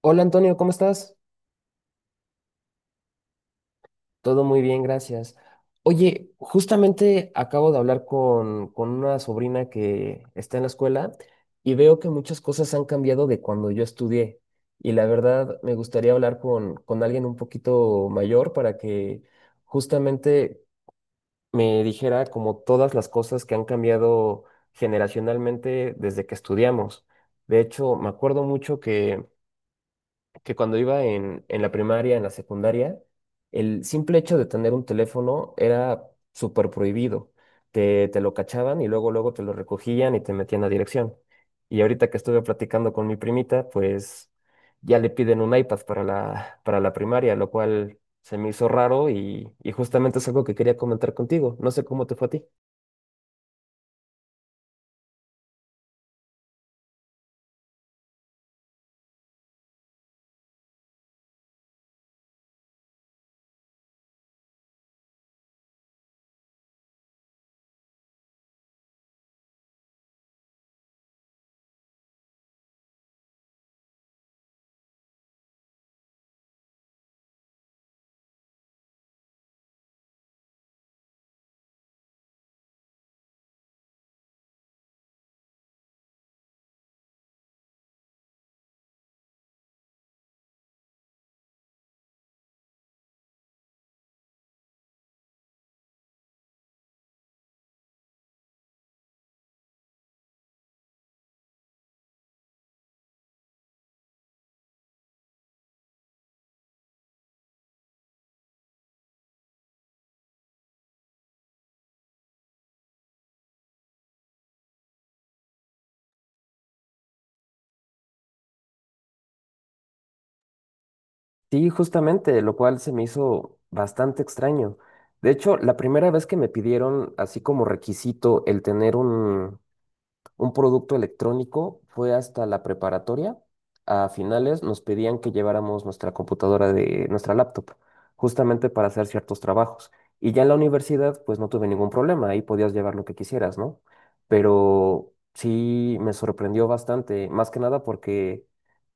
Hola Antonio, ¿cómo estás? Todo muy bien, gracias. Oye, justamente acabo de hablar con una sobrina que está en la escuela y veo que muchas cosas han cambiado de cuando yo estudié. Y la verdad, me gustaría hablar con alguien un poquito mayor para que justamente me dijera como todas las cosas que han cambiado generacionalmente desde que estudiamos. De hecho, me acuerdo mucho que cuando iba en la primaria, en la secundaria, el simple hecho de tener un teléfono era súper prohibido. Te lo cachaban y luego te lo recogían y te metían a dirección. Y ahorita que estuve platicando con mi primita, pues ya le piden un iPad para la primaria, lo cual se me hizo raro y justamente es algo que quería comentar contigo. No sé cómo te fue a ti. Sí, justamente, lo cual se me hizo bastante extraño. De hecho, la primera vez que me pidieron así como requisito el tener un producto electrónico, fue hasta la preparatoria. A finales nos pedían que lleváramos nuestra computadora de nuestra laptop, justamente para hacer ciertos trabajos. Y ya en la universidad, pues no tuve ningún problema, ahí podías llevar lo que quisieras, ¿no? Pero sí me sorprendió bastante, más que nada porque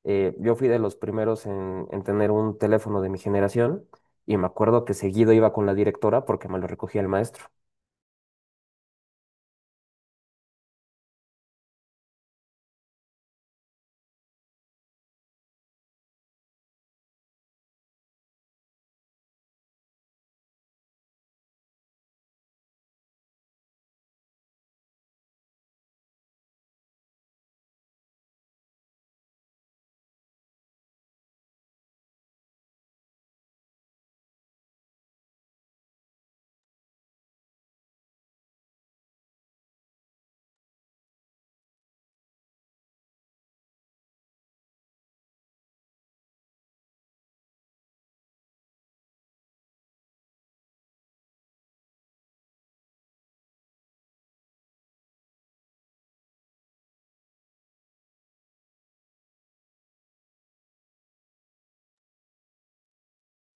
yo fui de los primeros en tener un teléfono de mi generación y me acuerdo que seguido iba con la directora porque me lo recogía el maestro.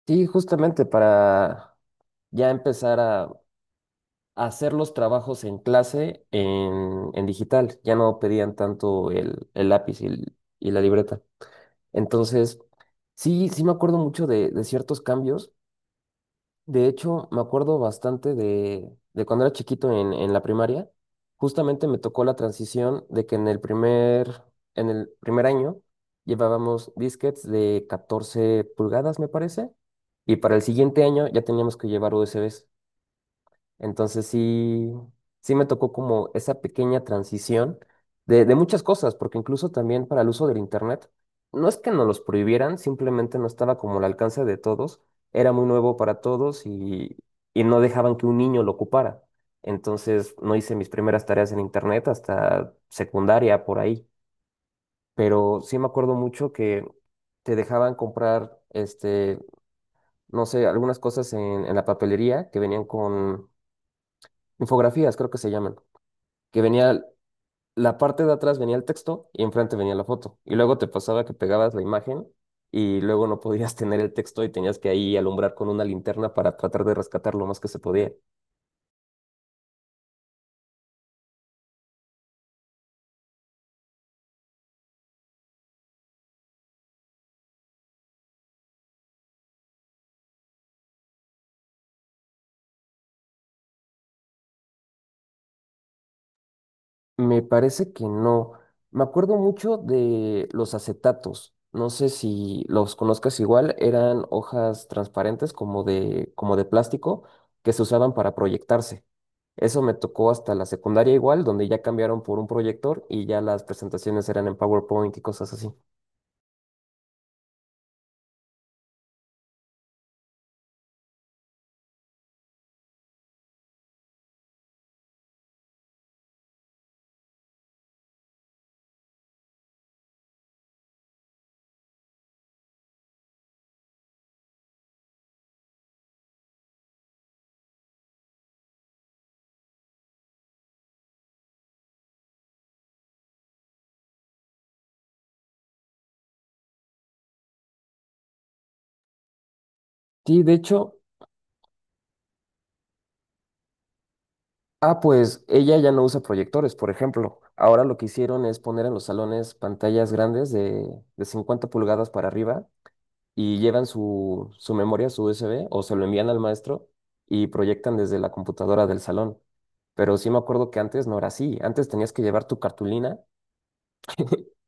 Sí, justamente para ya empezar a hacer los trabajos en clase en digital. Ya no pedían tanto el lápiz y la libreta. Entonces, sí me acuerdo mucho de ciertos cambios. De hecho, me acuerdo bastante de cuando era chiquito en la primaria. Justamente me tocó la transición de que en el primer año llevábamos disquetes de 14 pulgadas, me parece, y para el siguiente año ya teníamos que llevar USBs. Entonces sí, sí me tocó como esa pequeña transición de muchas cosas, porque incluso también para el uso del Internet, no es que nos los prohibieran, simplemente no estaba como al alcance de todos, era muy nuevo para todos y no dejaban que un niño lo ocupara. Entonces no hice mis primeras tareas en Internet hasta secundaria por ahí, pero sí me acuerdo mucho que te dejaban comprar, este, no sé, algunas cosas en la papelería que venían con infografías, creo que se llaman que venía, la parte de atrás venía el texto y enfrente venía la foto. Y luego te pasaba que pegabas la imagen y luego no podías tener el texto y tenías que ahí alumbrar con una linterna para tratar de rescatar lo más que se podía. Me parece que no. Me acuerdo mucho de los acetatos. No sé si los conozcas igual, eran hojas transparentes como de plástico que se usaban para proyectarse. Eso me tocó hasta la secundaria igual, donde ya cambiaron por un proyector y ya las presentaciones eran en PowerPoint y cosas así. Sí, de hecho, ah, pues ella ya no usa proyectores, por ejemplo. Ahora lo que hicieron es poner en los salones pantallas grandes de 50 pulgadas para arriba y llevan su memoria, su USB, o se lo envían al maestro y proyectan desde la computadora del salón. Pero sí me acuerdo que antes no era así. Antes tenías que llevar tu cartulina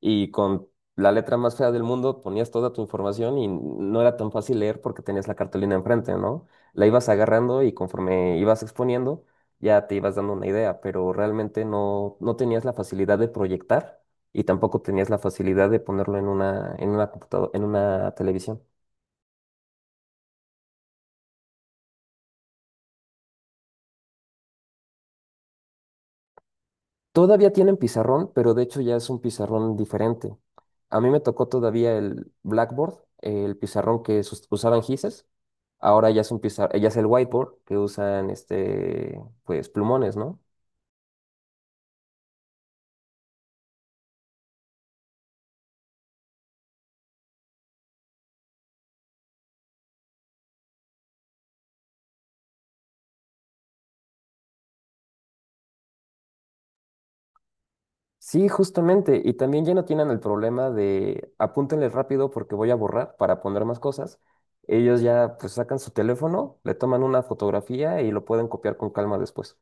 y con la letra más fea del mundo ponías toda tu información y no era tan fácil leer porque tenías la cartulina enfrente, ¿no? La ibas agarrando y conforme ibas exponiendo, ya te ibas dando una idea, pero realmente no, no tenías la facilidad de proyectar y tampoco tenías la facilidad de ponerlo en una computadora, en una televisión. Todavía tienen pizarrón, pero de hecho ya es un pizarrón diferente. A mí me tocó todavía el Blackboard, el pizarrón que usaban Gises. Ahora ya es un ya es el whiteboard que usan este, pues plumones, ¿no? Sí, justamente. Y también ya no tienen el problema de apúntenle rápido porque voy a borrar para poner más cosas. Ellos ya pues sacan su teléfono, le toman una fotografía y lo pueden copiar con calma después.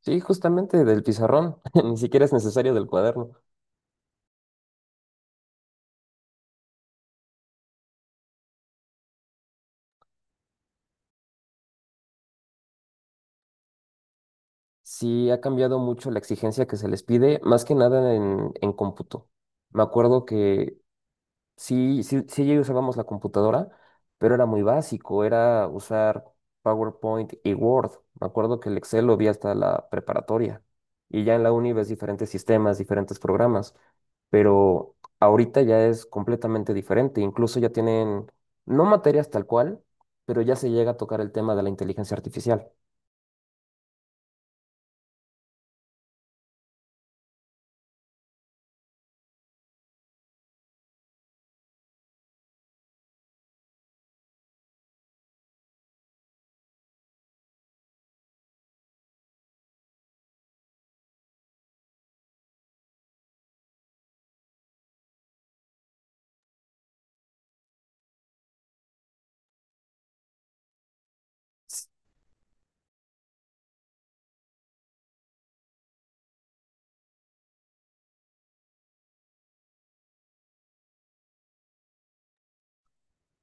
Sí, justamente del pizarrón. Ni siquiera es necesario del cuaderno. Sí, ha cambiado mucho la exigencia que se les pide, más que nada en cómputo. Me acuerdo que sí ya usábamos la computadora, pero era muy básico, era usar PowerPoint y Word. Me acuerdo que el Excel lo vi hasta la preparatoria. Y ya en la uni ves diferentes sistemas, diferentes programas, pero ahorita ya es completamente diferente. Incluso ya tienen, no materias tal cual, pero ya se llega a tocar el tema de la inteligencia artificial.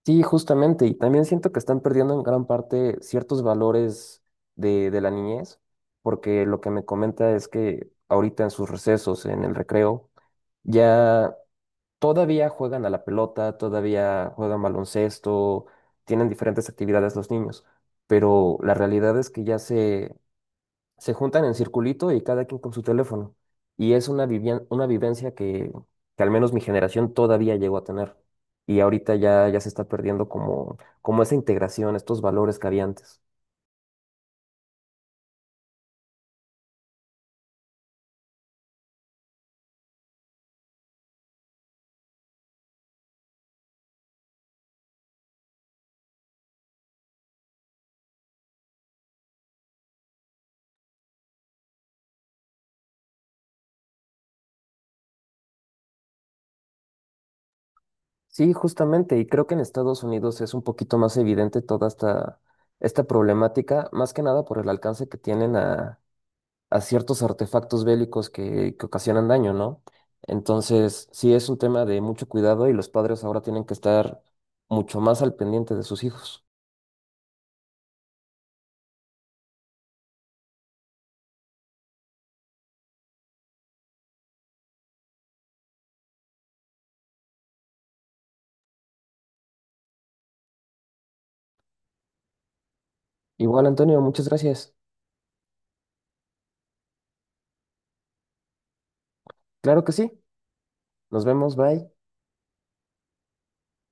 Sí, justamente, y también siento que están perdiendo en gran parte ciertos valores de la niñez, porque lo que me comenta es que ahorita en sus recesos, en el recreo, ya todavía juegan a la pelota, todavía juegan baloncesto, tienen diferentes actividades los niños, pero la realidad es que ya se juntan en circulito y cada quien con su teléfono. Y es una una vivencia que al menos mi generación todavía llegó a tener. Y ahorita ya se está perdiendo como esa integración, estos valores que había antes. Sí, justamente, y creo que en Estados Unidos es un poquito más evidente toda esta, esta problemática, más que nada por el alcance que tienen a ciertos artefactos bélicos que ocasionan daño, ¿no? Entonces, sí es un tema de mucho cuidado y los padres ahora tienen que estar mucho más al pendiente de sus hijos. Igual, Antonio, muchas gracias. Claro que sí. Nos vemos, bye.